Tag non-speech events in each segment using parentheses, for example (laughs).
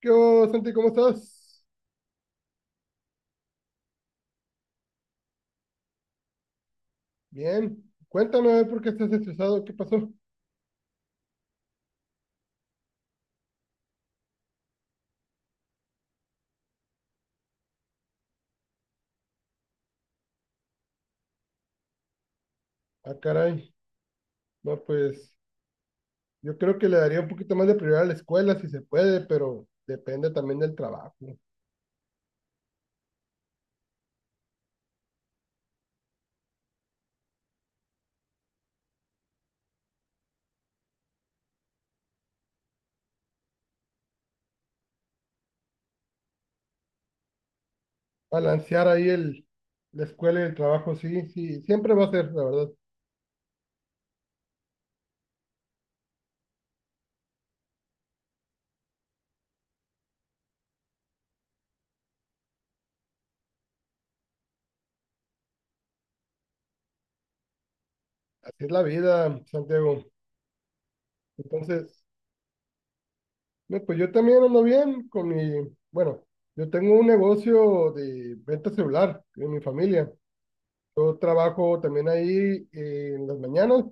¿Qué hubo, Santi? ¿Cómo estás? Bien. Cuéntame a ver por qué estás estresado. ¿Qué pasó? Ah, caray. No, pues yo creo que le daría un poquito más de prioridad a la escuela si se puede, pero depende también del trabajo. Balancear ahí la escuela y el trabajo, sí, sí, siempre va a ser, la verdad. Así es la vida, Santiago. Entonces, no, pues yo también ando bien con mi, bueno, yo tengo un negocio de venta celular en mi familia. Yo trabajo también ahí en las mañanas.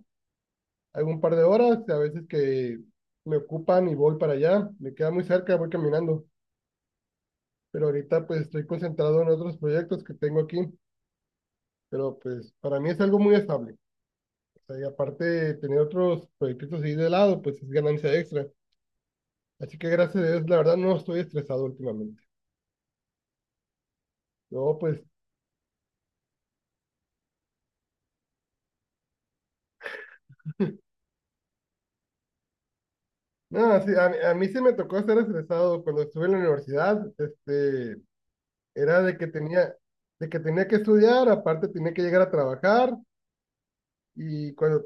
Algún par de horas, a veces que me ocupan y voy para allá, me queda muy cerca, voy caminando, pero ahorita pues estoy concentrado en otros proyectos que tengo aquí, pero pues para mí es algo muy estable. O sea, y aparte de tener otros proyectos ahí de lado, pues es ganancia extra. Así que gracias a Dios, la verdad no estoy estresado últimamente. No, pues nada, sí, a mí sí me tocó estar estresado cuando estuve en la universidad, era de que tenía que estudiar, aparte tenía que llegar a trabajar. Y cuando,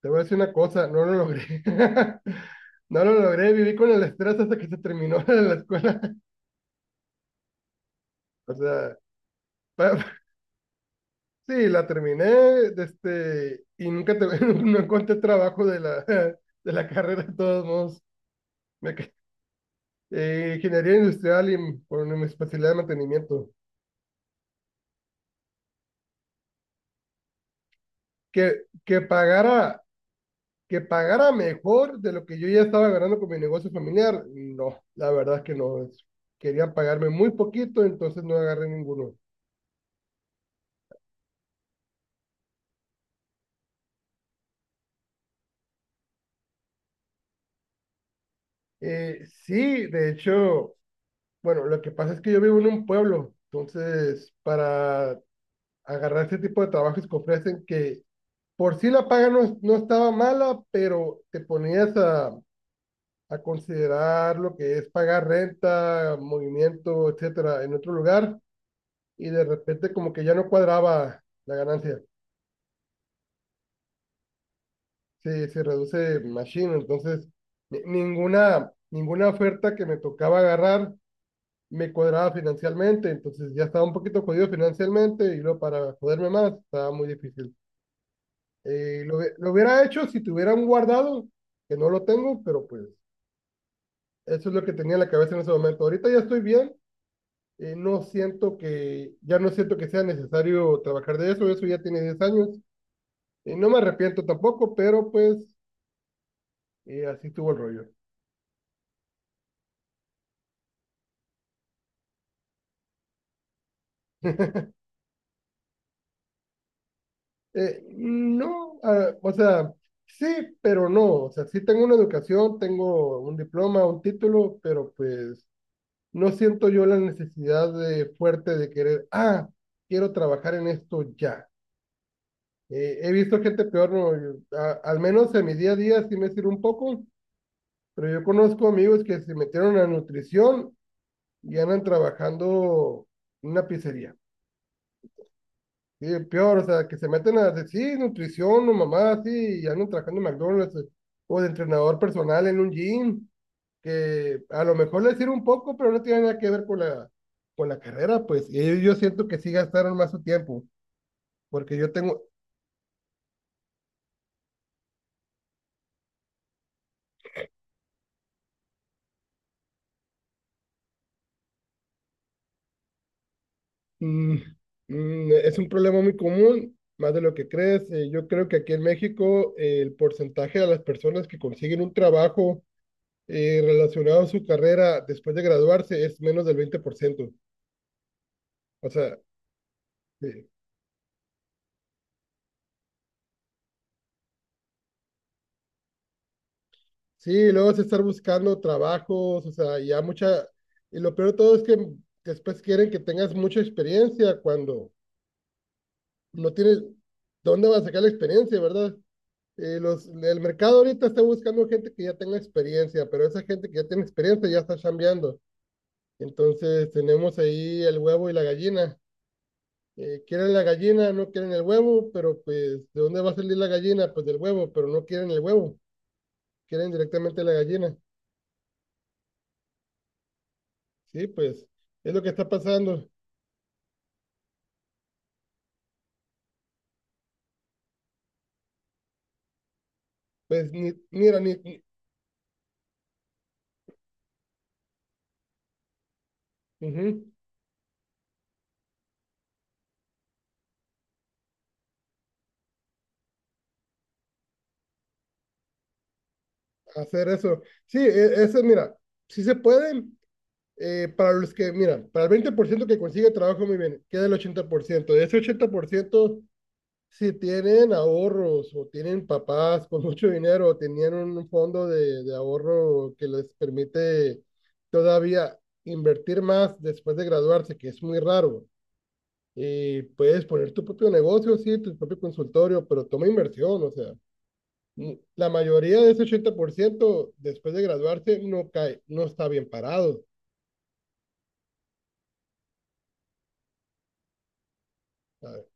te voy a decir una cosa, no lo logré. (laughs) No lo logré, viví con el estrés hasta que se terminó (laughs) la escuela. O sea, pa- sí, la terminé, y nunca te- (laughs) no encontré trabajo de la, (laughs) de la carrera, de todos modos. Me que- ingeniería industrial por mi especialidad de mantenimiento. Que, que pagara, que pagara mejor de lo que yo ya estaba ganando con mi negocio familiar, no, la verdad es que no. Querían pagarme muy poquito, entonces no agarré ninguno. Sí, de hecho, bueno, lo que pasa es que yo vivo en un pueblo, entonces para agarrar ese tipo de trabajos que ofrecen, que por sí la paga no, es- no estaba mala, pero te ponías a considerar lo que es pagar renta, movimiento, etcétera, en otro lugar, y de repente como que ya no cuadraba la ganancia, se reduce machine, entonces ninguna oferta que me tocaba agarrar me cuadraba financieramente, entonces ya estaba un poquito jodido financieramente y luego para joderme más estaba muy difícil. Lo hubiera hecho si tuviera un guardado, que no lo tengo, pero pues eso es lo que tenía en la cabeza en ese momento. Ahorita ya estoy bien, no siento que, ya no siento que sea necesario trabajar de eso, eso ya tiene 10 años. No me arrepiento tampoco, pero pues así estuvo el rollo. No, ah, o sea, sí, pero no. O sea, sí tengo una educación, tengo un diploma, un título, pero pues no siento yo la necesidad de, fuerte de querer, quiero trabajar en esto ya. He visto gente peor, no, al menos en mi día a día sí me sirve un poco, pero yo conozco amigos que se metieron a nutrición y andan trabajando en una pizzería. Sí, el peor, o sea, que se meten a decir "Sí, nutrición o mamá", así, y andan trabajando en McDonald's, o de entrenador personal en un gym, que a lo mejor les sirve un poco, pero no tiene nada que ver con la carrera, pues. Y ellos yo siento que sí gastaron más su tiempo, porque yo tengo, mm, es un problema muy común, más de lo que crees. Yo creo que aquí en México, el porcentaje de las personas que consiguen un trabajo, relacionado a su carrera después de graduarse es menos del 20%. O sea, sí. Sí, luego es estar buscando trabajos, o sea, ya mucha, y lo peor de todo es que después quieren que tengas mucha experiencia cuando no tienes, ¿dónde vas a sacar la experiencia, verdad? Los, el mercado ahorita está buscando gente que ya tenga experiencia, pero esa gente que ya tiene experiencia ya está chambeando. Entonces tenemos ahí el huevo y la gallina. Quieren la gallina, no quieren el huevo, pero pues, ¿de dónde va a salir la gallina? Pues del huevo, pero no quieren el huevo, quieren directamente la gallina. Sí, pues, es lo que está pasando. Pues ni, mira, ni, ni- ujú, hacer eso. Sí, eso, mira, si se pueden, para los que, mira, para el 20% que consigue trabajo, muy bien, queda el 80%. De ese 80%, si tienen ahorros o tienen papás con mucho dinero o tenían un fondo de ahorro que les permite todavía invertir más después de graduarse, que es muy raro. Y puedes poner tu propio negocio, sí, tu propio consultorio, pero toma inversión, o sea. La mayoría de ese 80% después de graduarse no cae, no está bien parado. ¿Sabe?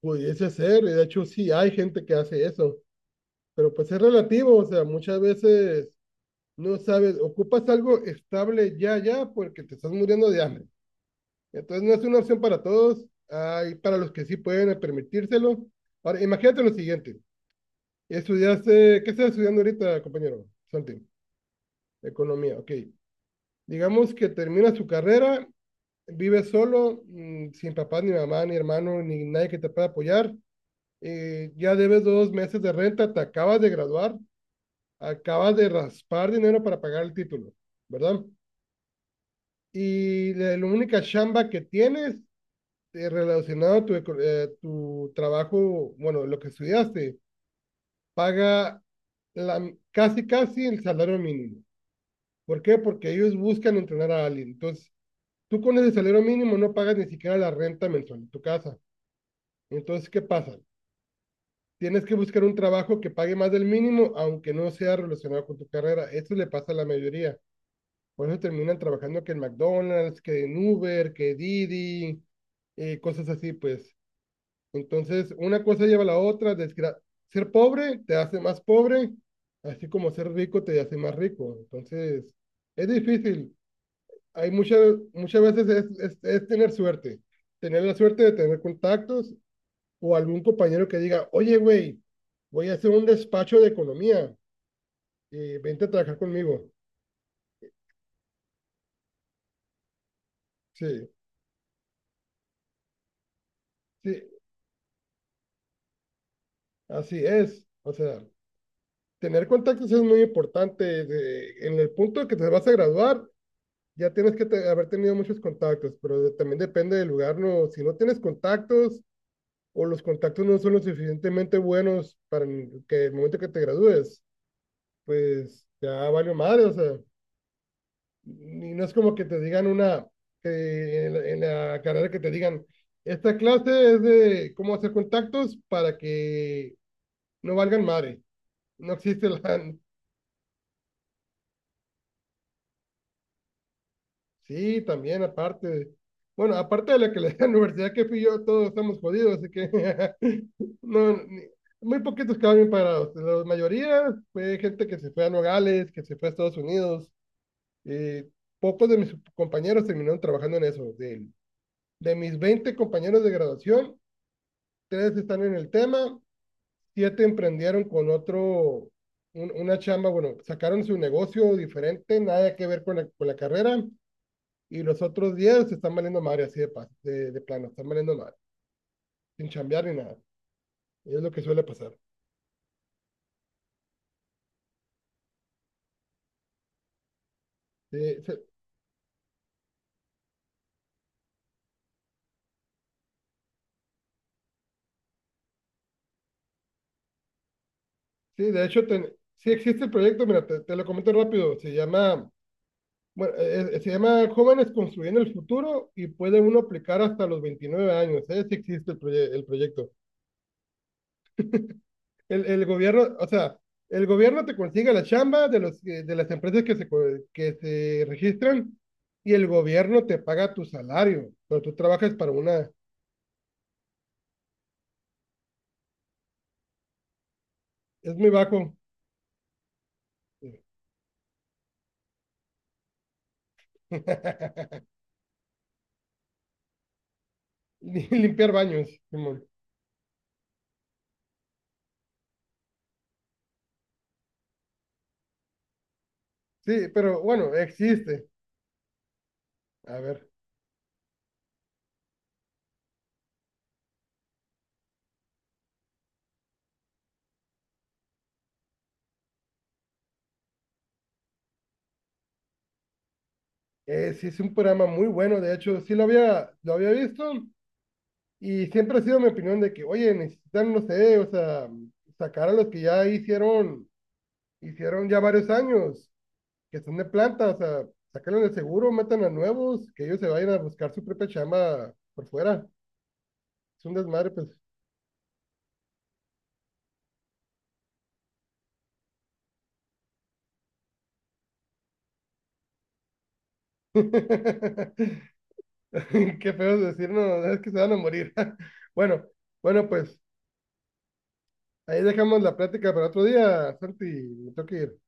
Pudiese ser, y de hecho sí hay gente que hace eso, pero pues es relativo, o sea, muchas veces no sabes, ocupas algo estable ya, ya, porque te estás muriendo de hambre. Entonces no es una opción para todos, hay para los que sí pueden permitírselo. Ahora, imagínate lo siguiente, estudiaste, ¿qué estás estudiando ahorita, compañero? Santi, economía, ok. Digamos que termina su carrera. Vives solo, sin papá, ni mamá, ni hermano, ni nadie que te pueda apoyar. Ya debes 2 meses de renta, te acabas de graduar, acabas de raspar dinero para pagar el título, ¿verdad? Y la única chamba que tienes, relacionado a tu, tu trabajo, bueno, lo que estudiaste, paga casi, casi el salario mínimo. ¿Por qué? Porque ellos buscan entrenar a alguien. Entonces, tú con ese salario mínimo no pagas ni siquiera la renta mensual de tu casa. Entonces, ¿qué pasa? Tienes que buscar un trabajo que pague más del mínimo, aunque no sea relacionado con tu carrera. Eso le pasa a la mayoría. Por eso terminan trabajando que en McDonald's, que en Uber, que Didi, cosas así, pues. Entonces, una cosa lleva a la otra. Ser pobre te hace más pobre, así como ser rico te hace más rico. Entonces, es difícil. Hay muchas, muchas veces es tener suerte. Tener la suerte de tener contactos o algún compañero que diga, oye, güey, voy a hacer un despacho de economía, vente a trabajar conmigo. Sí, sí, así es. O sea, tener contactos es muy importante. En el punto que te vas a graduar, ya tienes que haber tenido muchos contactos, pero también depende del lugar, ¿no? Si no tienes contactos o los contactos no son lo suficientemente buenos para que el momento que te gradúes, pues ya valió madre, o sea, y no es como que te digan una, en la carrera que te digan, esta clase es de cómo hacer contactos para que no valgan madre. No existe la... (laughs) Sí, también aparte. Bueno, aparte de la que le da la universidad que fui yo, todos estamos jodidos, así que (laughs) no, muy poquitos quedaron bien parados. La mayoría fue gente que se fue a Nogales, que se fue a Estados Unidos. eh, Pocos de mis compañeros terminaron trabajando en eso. De mis 20 compañeros de graduación, tres están en el tema, siete emprendieron con otro, una chamba, bueno, sacaron su negocio diferente, nada que ver con la carrera, y los otros 10 se están valiendo madre así de, de plano, están valiendo madre, sin chambear ni nada. Y es lo que suele pasar. Sí, sí, sí, de hecho, sí existe el proyecto, mira, te lo comento rápido, se llama... Bueno, se llama Jóvenes Construyendo el Futuro y puede uno aplicar hasta los 29 años, ¿eh? Si existe el, el proyecto. El gobierno, o sea, el gobierno te consigue la chamba de las empresas que se registran y el gobierno te paga tu salario, pero tú trabajas para una, es muy bajo. (laughs) Ni limpiar baños, Simón. Sí, pero bueno, existe. A ver, sí es un programa muy bueno, de hecho, sí lo había visto y siempre ha sido mi opinión de que, oye, necesitan, no sé, o sea, sacar a los que ya hicieron ya varios años que son de planta, o sea, sáquenlo del seguro, metan a nuevos, que ellos se vayan a buscar su propia chamba por fuera. Es un desmadre, pues. (laughs) Qué feo decir, no, es que se van a morir. (laughs) Bueno, bueno, pues ahí dejamos la plática para otro día, Santi, me tengo que ir.